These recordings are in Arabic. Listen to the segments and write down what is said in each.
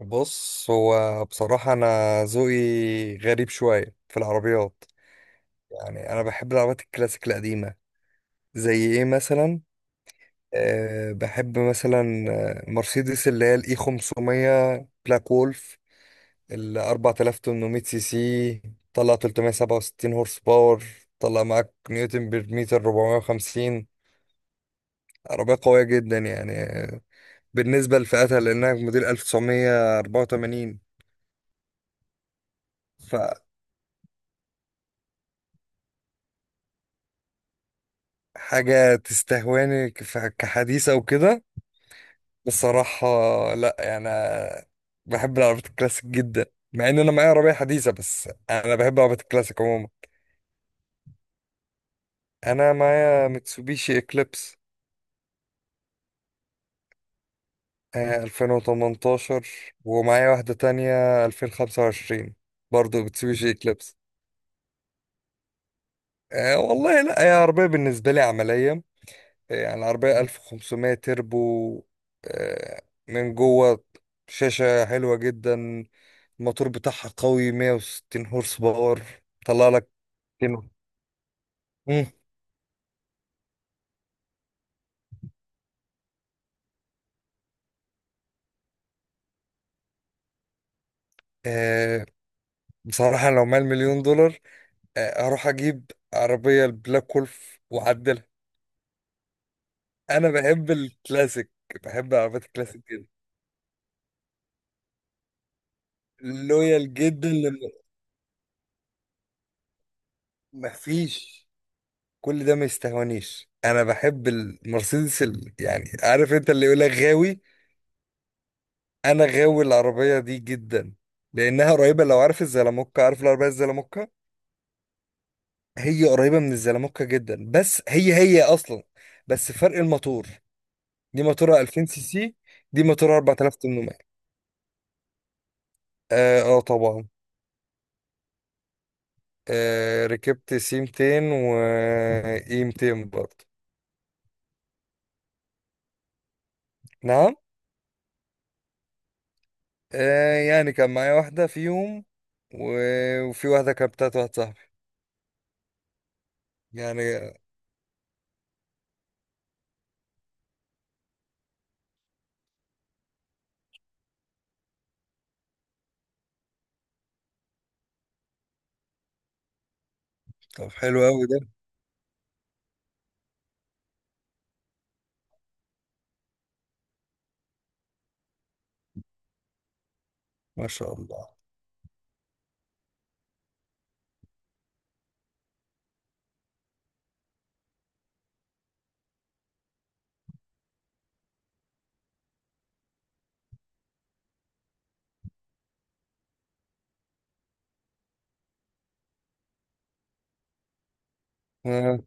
بص، هو بصراحة أنا ذوقي غريب شوية في العربيات. يعني أنا بحب العربيات الكلاسيك القديمة. زي إيه مثلا؟ أه بحب مثلا، مرسيدس اللي هي الإي 500 بلاك وولف، ال 4800 سي سي. طلع 367 هورس باور، طلع معاك نيوتن بير متر 450. عربية قوية جدا يعني، بالنسبة لفئتها لأنها موديل 1984. حاجة تستهواني كحديثة وكده بصراحة. لا يعني أنا بحب العربيات الكلاسيك جدا، مع ان انا معايا عربية حديثة بس انا بحب العربيات الكلاسيك عموما. انا معايا ميتسوبيشي اكليبس. 2018، ومعايا واحدة تانية 2025 برضو ميتسوبيشي اكليبس. أه والله، لا هي عربية بالنسبة لي عملية. يعني عربية 1500 تربو. آه، من جوه شاشة حلوة جدا. الموتور بتاعها قوي 160 هورس باور، طلع لك كيلو. مم. آه بصراحة، لو معايا المليون دولار آه اروح اجيب عربية البلاك وولف واعدلها. انا بحب الكلاسيك، بحب العربيات الكلاسيك جدا. لويال جدا لما مفيش. كل ده ما يستهونيش، انا بحب المرسيدس. يعني عارف انت، اللي يقول لك غاوي، انا غاوي العربية دي جدا، لانها قريبة. لو عارف الزلموكة، عارف العربية الزلموكة؟ هي قريبة من الزلموكة جدا، بس هي أصلا، بس فرق الموتور. دي موتورها 2000 سي سي، دي موتورها 4800. آه, آه طبعا. آه ركبت سي 200 و إي 200 برضه. نعم. آه يعني كان معايا واحدة فيهم، وفي واحدة كانت بتاعت واحد صاحبي يعني. طب حلو أوي ده. ما شاء الله. ما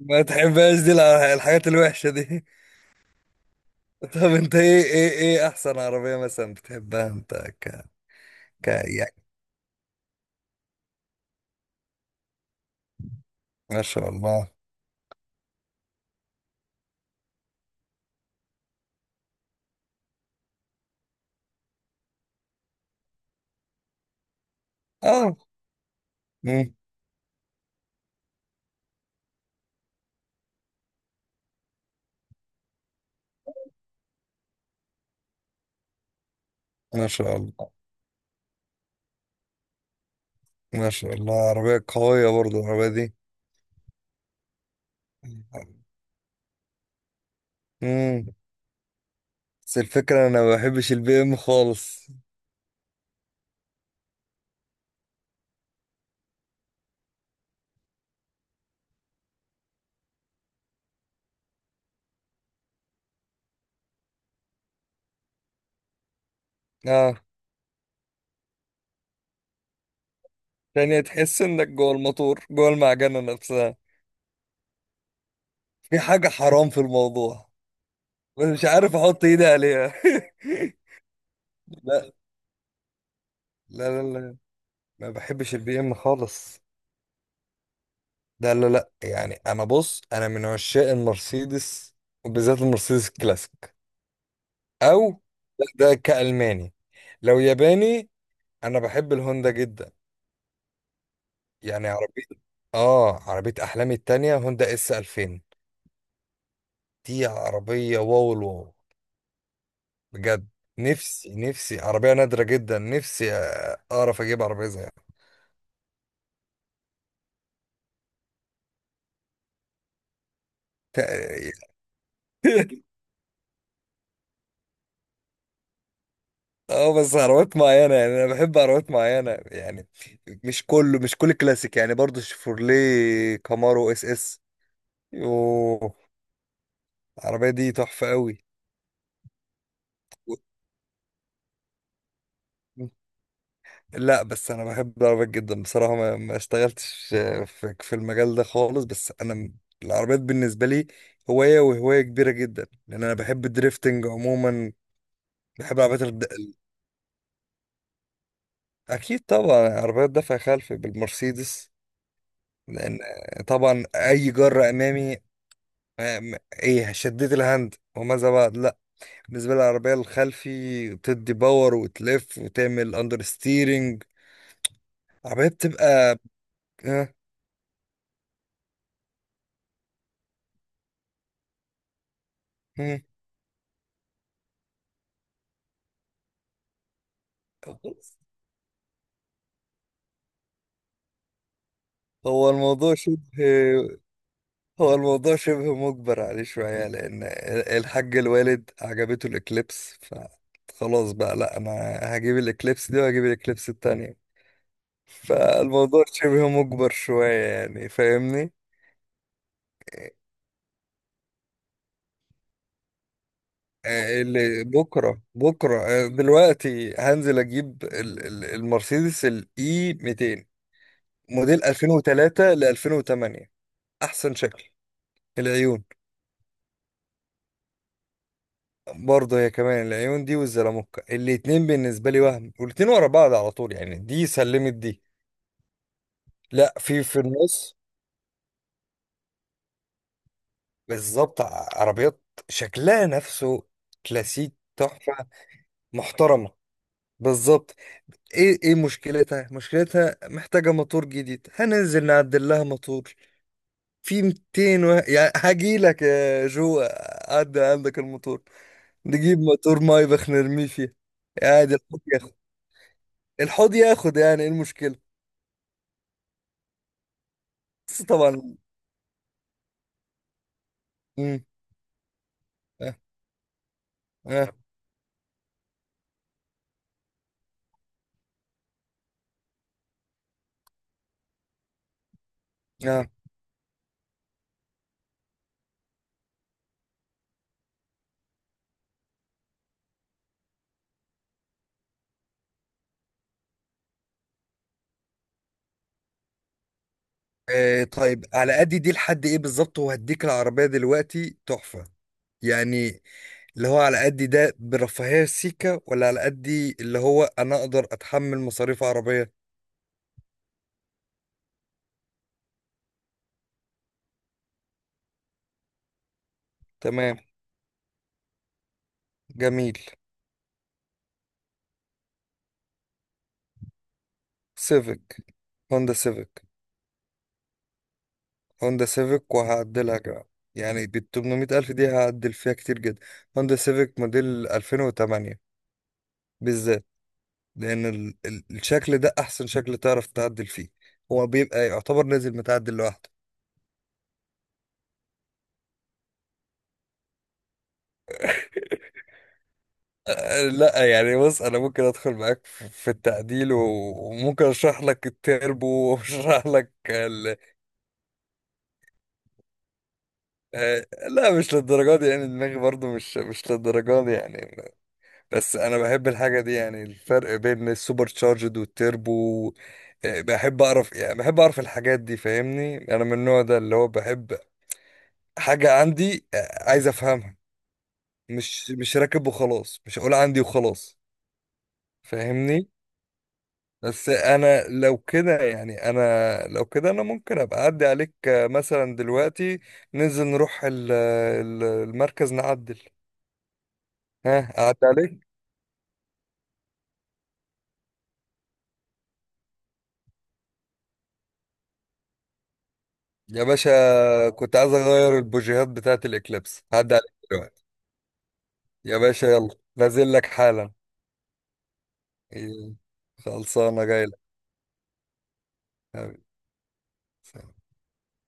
ما تحبهاش دي، الحاجات الوحشة دي طب انت، ايه احسن عربية مثلا بتحبها انت؟ ك... ما شاء الله. اه. مم. ما شاء الله. ما شاء الله، عربية قوية برضو العربية دي. مم. بس الفكرة، انا ما بحبش البي ام خالص. اه، يعني تحس انك جوه الموتور، جوه المعجنة نفسها. في حاجة حرام في الموضوع، بس مش عارف احط ايدي عليها لا، لا لا لا. ما بحبش البي ام خالص. لا لا لا، يعني انا، بص انا من عشاق المرسيدس، وبالذات المرسيدس الكلاسيك. او لا، ده كالماني. لو ياباني، انا بحب الهوندا جدا. يعني عربيه، اه عربيه احلامي التانية هوندا اس 2000. دي عربيه واو الواو بجد. نفسي عربيه نادره جدا، نفسي اعرف اجيب عربيه زيها. اه بس عربيات معينه، يعني انا بحب عربيات معينه يعني، مش كله، مش كل كلاسيك يعني، برضو شيفروليه كامارو اس اس. يوه، العربيه دي تحفه قوي. لا بس انا بحب العربيات جدا بصراحه، ما اشتغلتش في المجال ده خالص. بس انا العربيات بالنسبه لي هوايه، وهوايه كبيره جدا، لان انا بحب الدريفتنج عموما. بحب العربيات اكيد طبعا عربيات دفع خلفي بالمرسيدس. لان طبعا اي جره امامي. آه، م- ايه، شديت الهاند وماذا بعد، لا. بالنسبه لي العربيه الخلفي بتدي باور وتلف وتعمل اندر ستيرنج، عربيه بتبقى آه، مم. هو الموضوع شبه هو الموضوع شبه مجبر عليه شوية، لأن الحاج الوالد عجبته الإكليبس فخلاص بقى، لأ أنا هجيب الإكليبس دي وهجيب الإكليبس التانية. فالموضوع شبه مجبر شوية يعني، فاهمني؟ اللي بكرة بكرة، دلوقتي هنزل أجيب المرسيدس الإي 200 موديل 2003 ل 2008، أحسن شكل، العيون. برضه هي كمان، العيون دي والزلموكة، الاتنين بالنسبة لي، وهم والاتنين ورا بعض على طول يعني. دي سلمت دي، لا، في النص. بالظبط. عربيات شكلها نفسه، كلاسيك تحفة محترمة. بالظبط. ايه ايه مشكلتها، مشكلتها محتاجة موتور جديد، هننزل نعدل لها موتور في 200 و... يعني هجيلك يا جو، عدل عندك الموتور، نجيب موتور مايبخ نرميه فيه. عادي، الحوض ياخد، الحوض ياخد، يعني ايه المشكلة؟ بس طبعا. امم. اه. اه. اه. طيب على قد دي لحد ايه بالظبط؟ وهديك العربية دلوقتي تحفة، يعني اللي هو على قد ده برفاهية سيكا، ولا على قد دي اللي هو انا اقدر اتحمل مصاريف عربية؟ تمام، جميل. سيفيك، هوندا سيفيك. هوندا سيفيك، وهعدلها كمان، يعني بال 800 ألف دي هعدل فيها كتير جدا. هوندا سيفيك موديل 2008 بالذات، لأن الشكل ده أحسن شكل تعرف تعدل فيه، هو بيبقى يعتبر نازل متعدل لوحده. أه، لا يعني بص، أنا ممكن أدخل معاك في التعديل، وممكن أشرح لك التربو وأشرح لك أه، لا مش للدرجة دي، يعني دماغي برضو مش للدرجة دي يعني. بس أنا بحب الحاجة دي، يعني الفرق بين السوبر تشارجد والتربو. أه، بحب أعرف، يعني بحب أعرف الحاجات دي، فاهمني؟ أنا من النوع ده اللي هو بحب حاجة عندي، أه، عايز أفهمها، مش راكب وخلاص، مش هقول عندي وخلاص، فاهمني؟ بس انا لو كده، يعني انا لو كده، انا ممكن ابقى اعدي عليك، مثلا دلوقتي ننزل نروح المركز نعدل. ها، اعدي عليك. يا باشا، كنت عايز اغير البوجيهات بتاعت الاكليبس، هعدي عليك دلوقتي. يا باشا يلا، نازل لك حالا. إيه، خلصانه جاي لك.